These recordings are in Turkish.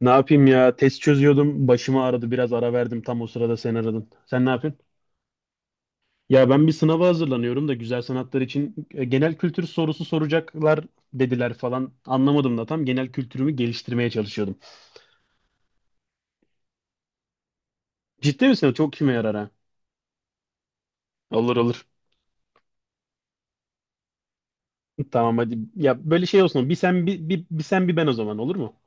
Ne yapayım ya? Test çözüyordum. Başımı ağrıdı. Biraz ara verdim. Tam o sırada sen aradın. Sen ne yapıyorsun? Ya ben bir sınava hazırlanıyorum da güzel sanatlar için genel kültür sorusu soracaklar dediler falan. Anlamadım da tam genel kültürümü geliştirmeye çalışıyordum. Ciddi misin? Çok kime yarar ha? Olur olur. Tamam hadi. Ya böyle şey olsun. Bir sen bir ben o zaman olur mu?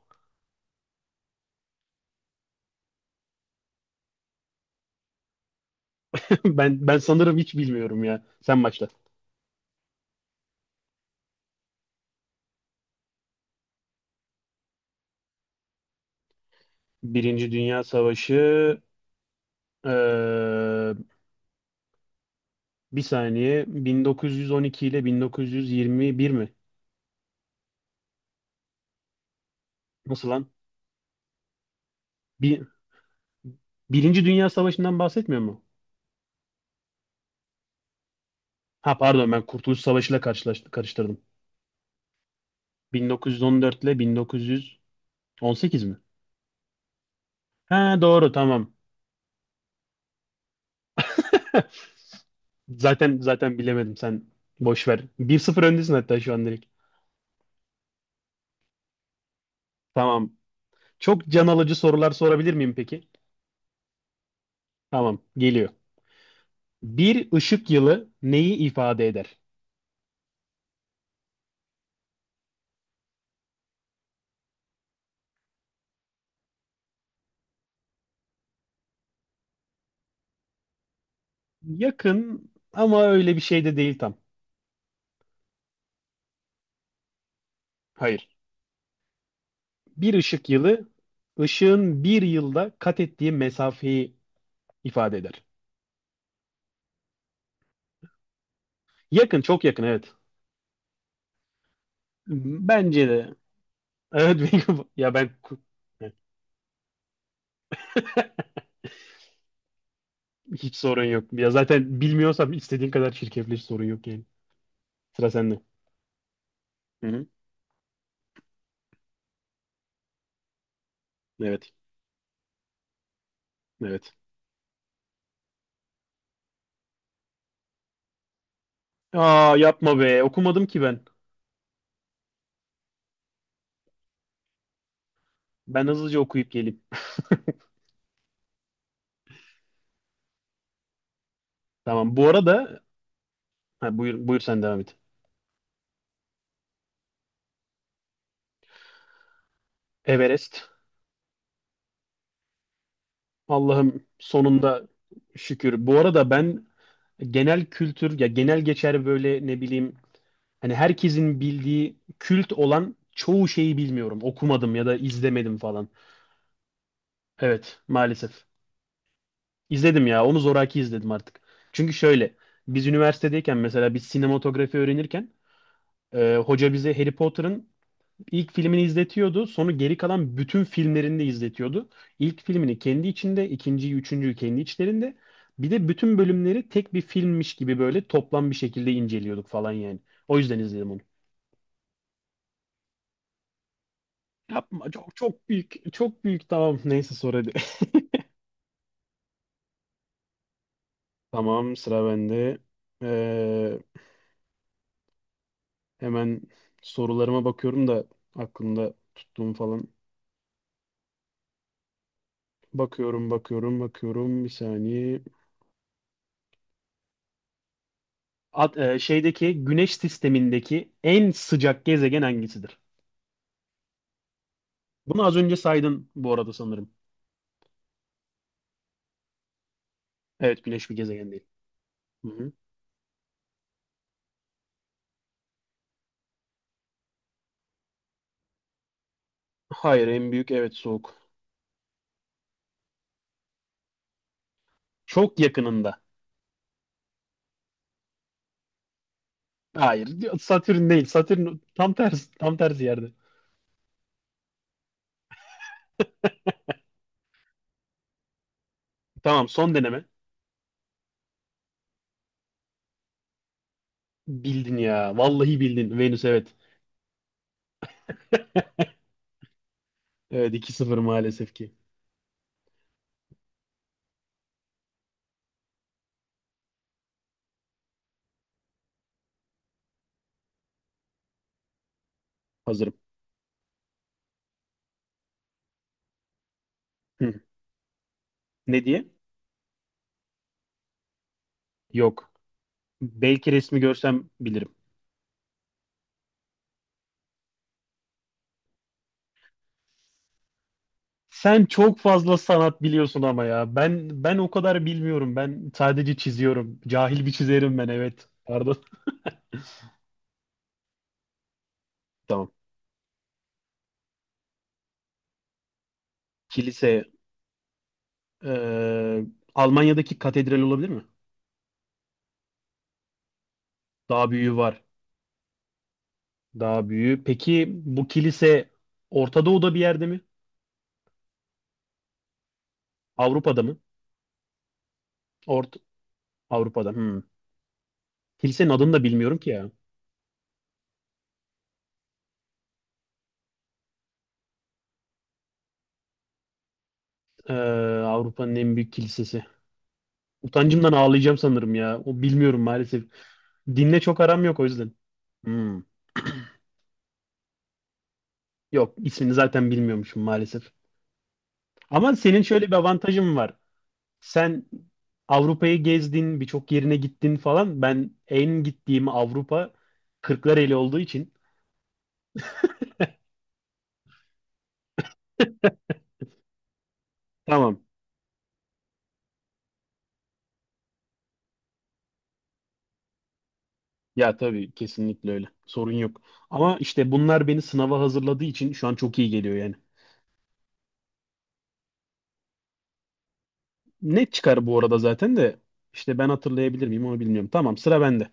Ben sanırım hiç bilmiyorum ya. Sen başla. Birinci Dünya Savaşı eee, bir saniye 1912 ile 1921 mi? Nasıl lan? Bir, Birinci Dünya Savaşı'ndan bahsetmiyor mu? Ha pardon ben Kurtuluş Savaşı'yla karıştırdım. 1914 ile 1918 mi? Ha doğru tamam. Zaten bilemedim sen boş ver. 1-0 öndesin hatta şu an direkt. Tamam. Çok can alıcı sorular sorabilir miyim peki? Tamam, geliyor. Bir ışık yılı neyi ifade eder? Yakın ama öyle bir şey de değil tam. Hayır. Bir ışık yılı ışığın bir yılda kat ettiği mesafeyi ifade eder. Yakın, çok yakın evet. Bence de. Evet. Wing of- ya ben ku- Evet. Hiç sorun yok. Ya zaten bilmiyorsam istediğin kadar çirkefleş sorun yok yani. Sıra sende. Hı hı. Evet. Evet. Aa yapma be. Okumadım ki ben. Ben hızlıca okuyup geleyim. Tamam. Bu arada ha, buyur, buyur sen devam et. Everest. Allah'ım sonunda şükür. Bu arada ben genel kültür ya genel geçer böyle ne bileyim. Hani herkesin bildiği kült olan çoğu şeyi bilmiyorum. Okumadım ya da izlemedim falan. Evet, maalesef. İzledim ya. Onu zoraki izledim artık. Çünkü şöyle, biz üniversitedeyken mesela biz sinematografi öğrenirken hoca bize Harry Potter'ın ilk filmini izletiyordu. Sonra geri kalan bütün filmlerini de izletiyordu. İlk filmini kendi içinde, ikinciyi, üçüncüyü kendi içlerinde. Bir de bütün bölümleri tek bir filmmiş gibi böyle toplam bir şekilde inceliyorduk falan yani. O yüzden izledim onu. Yapma çok çok büyük çok büyük tamam neyse sor hadi. Tamam sıra bende. Ee, Hemen sorularıma bakıyorum da aklımda tuttuğum falan. Bakıyorum bakıyorum bakıyorum bir saniye. At, e, şeydeki Güneş sistemindeki en sıcak gezegen hangisidir? Bunu az önce saydın bu arada sanırım. Evet, Güneş bir gezegen değil. Hı hı. Hayır, en büyük evet soğuk. Çok yakınında. Hayır, Satürn değil, Satürn tam tersi, tam tersi yerde. Tamam, son deneme. Bildin ya. Vallahi bildin. Venüs evet. Evet, 2-0 maalesef ki. Hazırım. Hı. Ne diye? Yok. Belki resmi görsem bilirim. Sen çok fazla sanat biliyorsun ama ya. Ben o kadar bilmiyorum. Ben sadece çiziyorum. Cahil bir çizerim ben evet. Pardon. Tamam. Kilise. eee, Almanya'daki katedral olabilir mi? Daha büyüğü var. Daha büyüğü. Peki bu kilise Orta Doğu'da bir yerde mi? Avrupa'da mı? Orta Avrupa'da. Hmm. Kilisenin adını da bilmiyorum ki ya. Ee, Avrupa'nın en büyük kilisesi. Utancımdan ağlayacağım sanırım ya. O bilmiyorum maalesef. Dinle çok aram yok o yüzden. Hmm. Yok, ismini zaten bilmiyormuşum maalesef. Ama senin şöyle bir avantajın var. Sen Avrupa'yı gezdin, birçok yerine gittin falan. Ben en gittiğim Avrupa Kırklareli olduğu için. Tamam. Ya tabii, kesinlikle öyle. Sorun yok. Ama işte bunlar beni sınava hazırladığı için şu an çok iyi geliyor yani. Net çıkar bu arada zaten de, işte ben hatırlayabilir miyim onu bilmiyorum. Tamam sıra bende.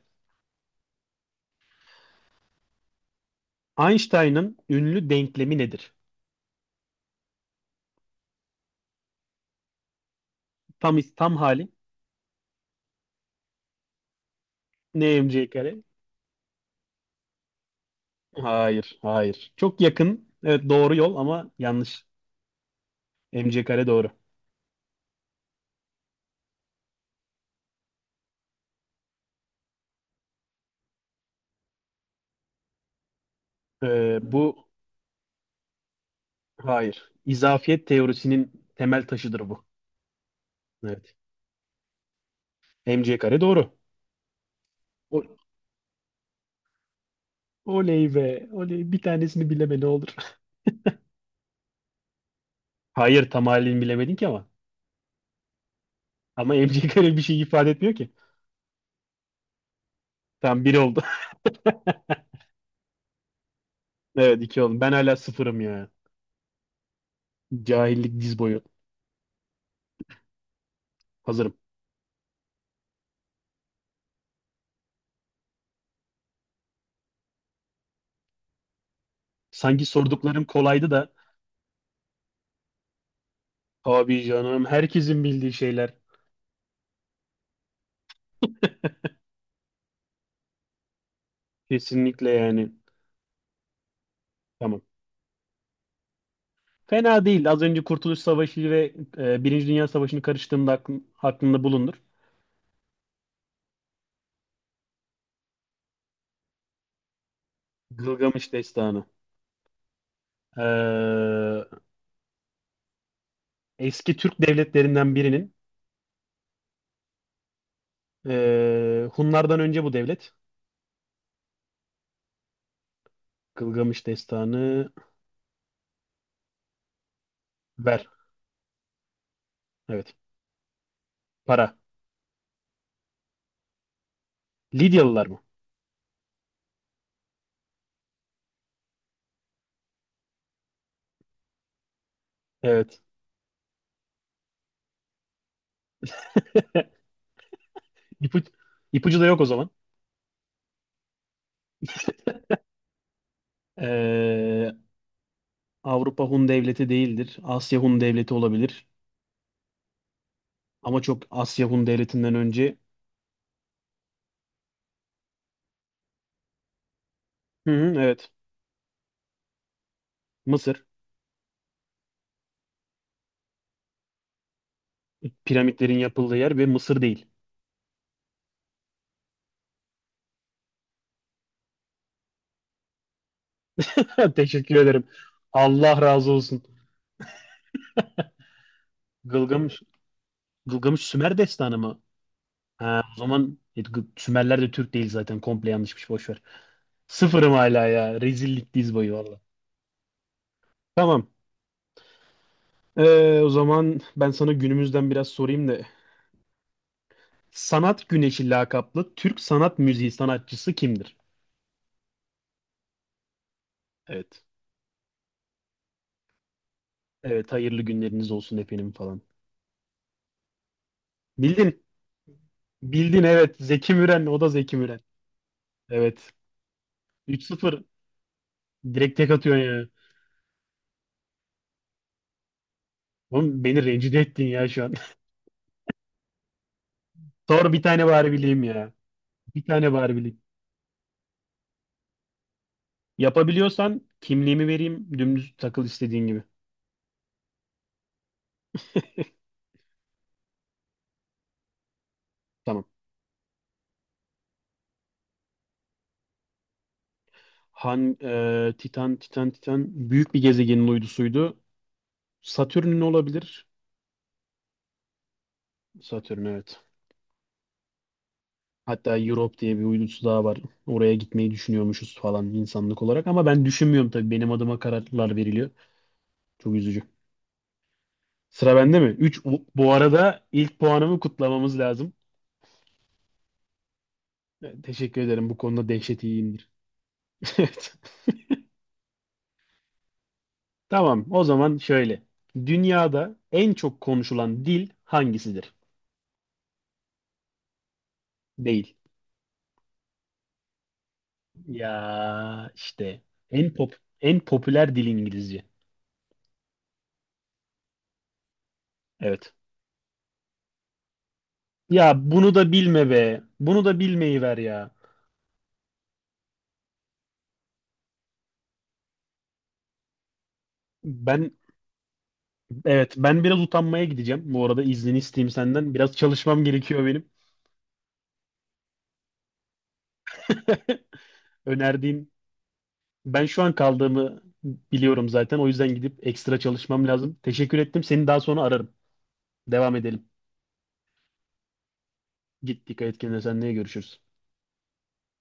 Einstein'ın ünlü denklemi nedir? Tam hali ne mc kare? Hayır, hayır. Çok yakın. Evet, doğru yol ama yanlış. Mc kare doğru. Bu Hayır. İzafiyet teorisinin temel taşıdır bu. Evet. mc kare doğru. O- Oley be. Oley. Bir tanesini bileme ne olur. Hayır, tam halini bilemedin ki ama. Ama MC kare bir şey ifade etmiyor ki. Tam bir oldu. Evet, iki oldu. Ben hala sıfırım ya. Cahillik diz boyu. Hazırım. Sanki sorduklarım kolaydı da. Abi canım herkesin bildiği şeyler. Kesinlikle yani. Tamam. Fena değil. Az önce Kurtuluş Savaşı ve Birinci Dünya Savaşı'nı karıştığımda aklımda bulundur. Gılgamış Destanı. Ee, Eski Türk devletlerinden birinin, Hunlardan önce bu devlet, Gılgamış Destanı. Ver. Evet. Para. Lidyalılar mı? Evet. İpucu ipucu da yok o zaman. Ee, Avrupa Hun devleti değildir. Asya Hun devleti olabilir. Ama çok Asya Hun devletinden önce. Hı hı, evet. Mısır. Piramitlerin yapıldığı yer ve Mısır değil. Teşekkür ederim. Allah razı olsun. Gılgamış, Gılgamış Sümer destanı mı? Ha, o zaman Sümerler de Türk değil zaten. Komple yanlışmış. Boş ver. Sıfırım hala ya. Rezillik diz boyu valla. Tamam. O zaman ben sana günümüzden biraz sorayım da. Sanat Güneşi lakaplı Türk sanat müziği sanatçısı kimdir? Evet. Evet, hayırlı günleriniz olsun efendim falan. Bildin. Bildin evet. Zeki Müren. O da Zeki Müren. Evet. 3-0. Direkt tek atıyorsun ya. Oğlum beni rencide ettin ya şu an. Sor bir tane bari bileyim ya. Bir tane bari bileyim. Yapabiliyorsan kimliğimi vereyim. Dümdüz takıl istediğin gibi. Tamam. Han, e, Titan, Titan, Titan büyük bir gezegenin uydusuydu. Satürn'ün olabilir. Satürn evet. Hatta Europe diye bir uydusu daha var. Oraya gitmeyi düşünüyormuşuz falan insanlık olarak. Ama ben düşünmüyorum tabii. Benim adıma kararlar veriliyor. Çok üzücü. Sıra bende mi? 3. Bu arada ilk puanımı kutlamamız lazım. Teşekkür ederim. Bu konuda dehşet iyiyimdir. Evet. Tamam. O zaman şöyle. Dünyada en çok konuşulan dil hangisidir? Değil. Ya işte en pop en popüler dil İngilizce. Evet. Ya bunu da bilme be. Bunu da bilmeyi ver ya. Ben evet, ben biraz utanmaya gideceğim. Bu arada iznini isteyeyim senden. Biraz çalışmam gerekiyor benim. Önerdiğin ben şu an kaldığımı biliyorum zaten. O yüzden gidip ekstra çalışmam lazım. Teşekkür ettim. Seni daha sonra ararım. Devam edelim. Git dikkat et kendine. Seninle görüşürüz.